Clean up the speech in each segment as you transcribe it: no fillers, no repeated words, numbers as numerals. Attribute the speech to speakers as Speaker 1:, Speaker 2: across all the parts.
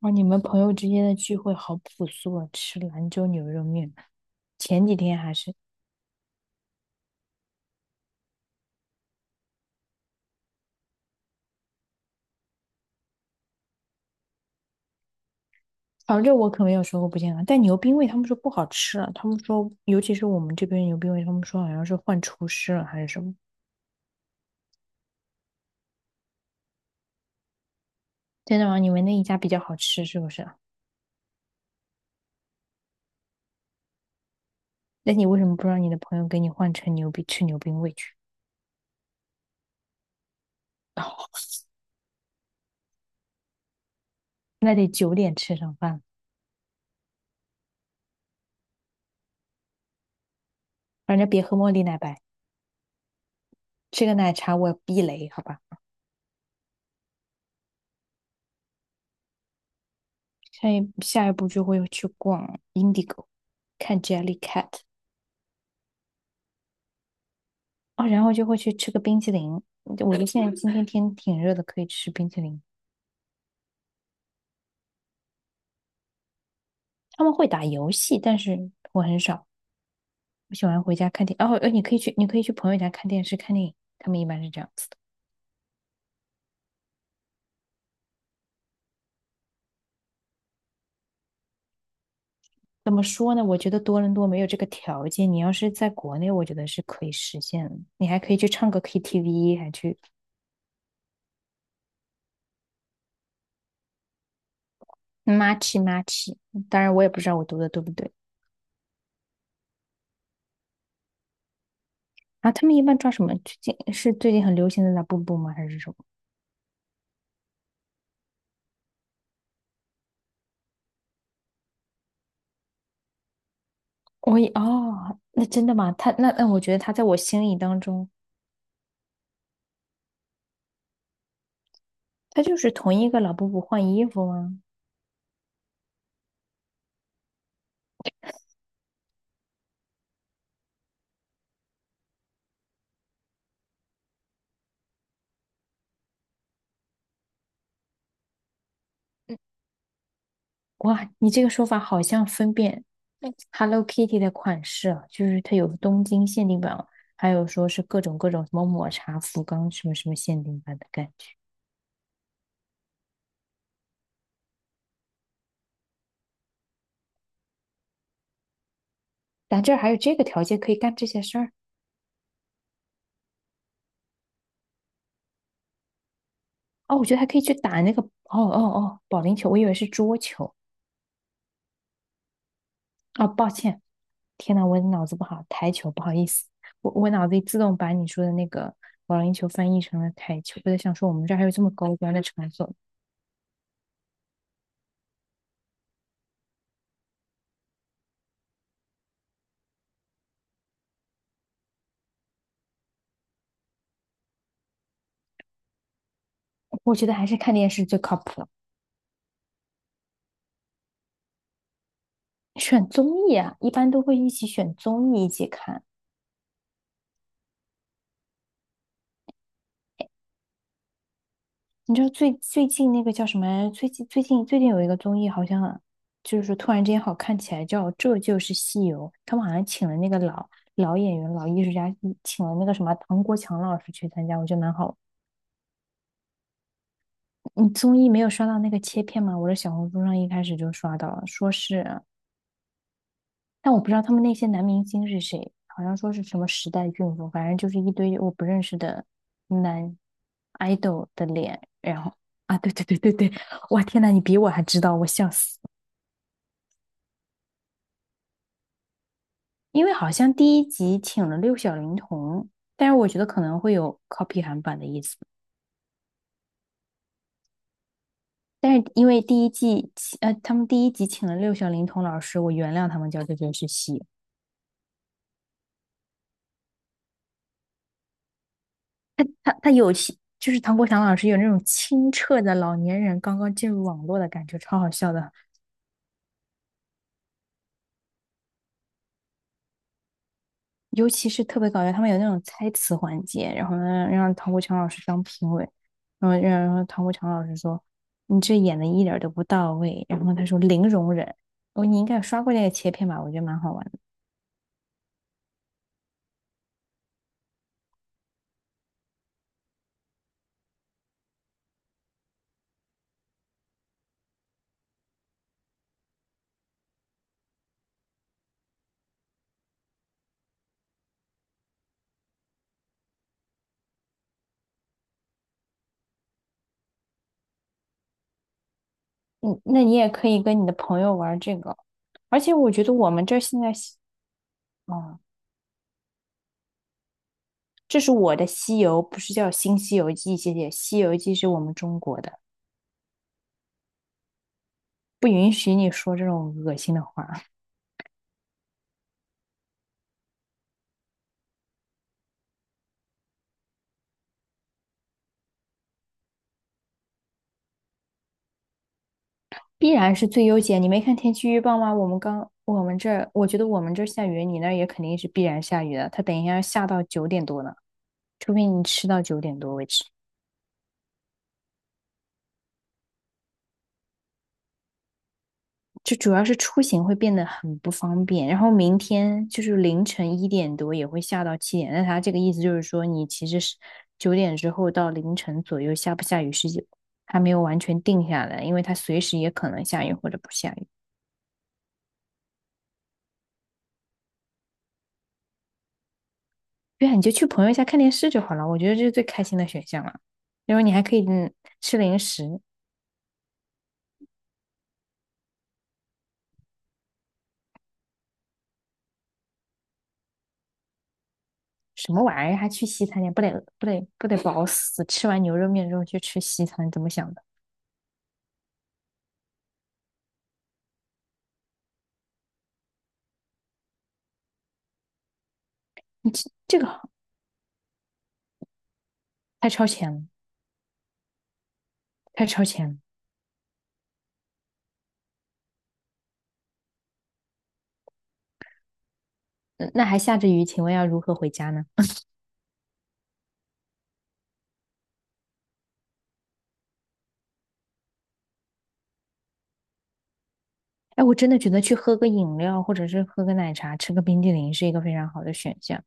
Speaker 1: 哇，你们朋友之间的聚会好朴素啊，吃兰州牛肉面。前几天还是，反正我可没有说过不健康，但牛冰味他们说不好吃了，他们说，尤其是我们这边牛冰味，他们说好像是换厨师了还是什么。真的吗？你们那一家比较好吃是不是啊。那你为什么不让你的朋友给你换成牛逼吃牛冰味去？哦，那得九点吃上饭了。反正别喝茉莉奶白，吃个奶茶我避雷，好吧？下一步就会去逛 Indigo,看 Jellycat。啊，然后就会去吃个冰淇淋。我觉得现在今天 天挺热的，可以吃冰淇淋。他们会打游戏，但是我很少。我喜欢回家看你可以去，你可以去朋友家看电视、看电影。他们一般是这样子的。怎么说呢？我觉得多伦多没有这个条件。你要是在国内，我觉得是可以实现的。你还可以去唱个 KTV,还去 match 妈 t c h 当然，我也不知道我读的对不对。啊，他们一般抓什么？最近是最近很流行的那步步吗？还是什么？我也哦，那真的吗？他我觉得他在我心里当中，他就是同一个老布布换衣服吗？嗯，哇，你这个说法好像分辨 Hello Kitty 的款式啊，就是它有东京限定版，还有说是各种各种什么抹茶福冈什么什么限定版的感觉。咱这儿还有这个条件可以干这些事儿。哦，我觉得还可以去打那个保龄球，我以为是桌球。哦，抱歉，天呐，我脑子不好，台球，不好意思，我脑子里自动把你说的那个保龄球翻译成了台球，我在想说我们这儿还有这么高端的场所。我觉得还是看电视最靠谱了。选综艺啊，一般都会一起选综艺一起看。你知道最近那个叫什么？最近有一个综艺，好像就是突然之间好看起来，叫《这就是西游》。他们好像请了那个老演员、老艺术家，嗯请了那个什么唐国强老师去参加，我觉得蛮好。你综艺没有刷到那个切片吗？我的小红书上一开始就刷到了，说是，但我不知道他们那些男明星是谁，好像说是什么时代俊夫，反正就是一堆我不认识的男 idol 的脸，然后啊，对，哇天呐，你比我还知道，我笑死！因为好像第一集请了六小龄童，但是我觉得可能会有 copy 韩版的意思。但是因为第一季，呃，他们第一集请了六小龄童老师，我原谅他们叫这件事情。他有其就是唐国强老师有那种清澈的老年人刚刚进入网络的感觉，超好笑的。尤其是特别搞笑，他们有那种猜词环节，然后呢让唐国强老师当评委，然后唐国强老师说你这演的一点儿都不到位，然后他说零容忍。哦，你应该有刷过那个切片吧？我觉得蛮好玩的。嗯，那你也可以跟你的朋友玩这个，而且我觉得我们这儿现在西，哦，这是我的《西游》，不是叫《新西游记》，谢谢，《西游记》是我们中国的。不允许你说这种恶心的话，必然是最优解。你没看天气预报吗？我们这儿，我觉得我们这儿下雨，你那儿也肯定是必然下雨的。它等一下要下到九点多呢，除非你吃到九点多为止。就主要是出行会变得很不方便，然后明天就是凌晨一点多也会下到七点。那它这个意思就是说，你其实是九点之后到凌晨左右下不下雨是还没有完全定下来，因为它随时也可能下雨或者不下雨。对啊，你就去朋友家看电视就好了，我觉得这是最开心的选项了。然后你还可以吃零食，什么玩意儿还去西餐店，不得饱死！吃完牛肉面之后去吃西餐，怎么想的？你这这个好太超前了，太超前了。嗯，那还下着雨，请问要如何回家呢？哎，我真的觉得去喝个饮料，或者是喝个奶茶，吃个冰激凌是一个非常好的选项。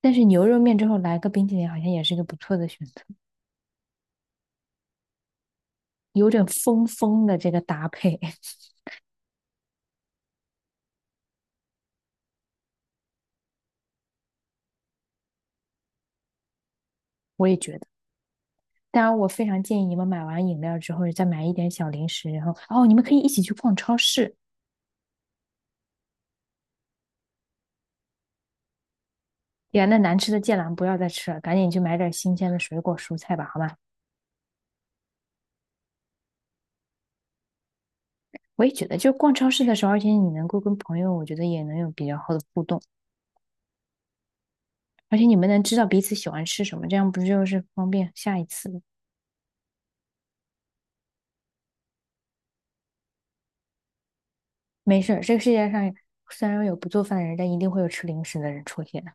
Speaker 1: 但是牛肉面之后来个冰激凌，好像也是一个不错的选择，有点疯疯的这个搭配，我也觉得。当然，我非常建议你们买完饮料之后，再买一点小零食，然后哦，你们可以一起去逛超市。哎呀，那难吃的芥蓝不要再吃了，赶紧去买点新鲜的水果蔬菜吧，好吗？我也觉得，就逛超市的时候，而且你能够跟朋友，我觉得也能有比较好的互动，而且你们能知道彼此喜欢吃什么，这样不就是方便下一次吗？没事，这个世界上虽然有不做饭的人，但一定会有吃零食的人出现的。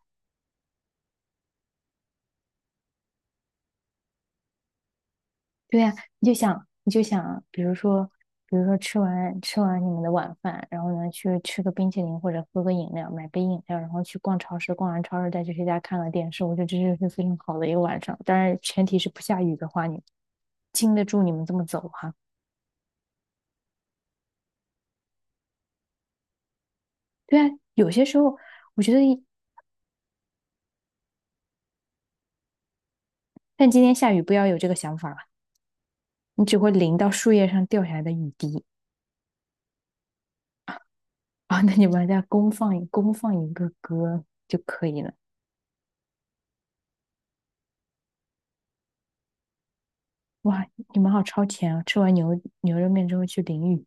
Speaker 1: 对呀，你就想，你就想，比如说，比如说吃完你们的晚饭，然后呢去吃个冰淇淋或者喝个饮料，买杯饮料，然后去逛超市，逛完超市再去谁家看个电视，我觉得这就是非常好的一个晚上。当然，前提是不下雨的话，你经得住你们这么走哈。对啊，有些时候我觉得，但今天下雨不要有这个想法了，你只会淋到树叶上掉下来的雨滴。啊 那你们再公放一个歌就可以了。哇，你们好超前啊！吃完牛肉面之后去淋雨，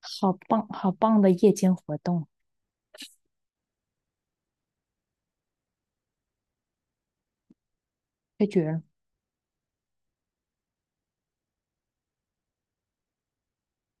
Speaker 1: 好棒好棒的夜间活动，太绝了。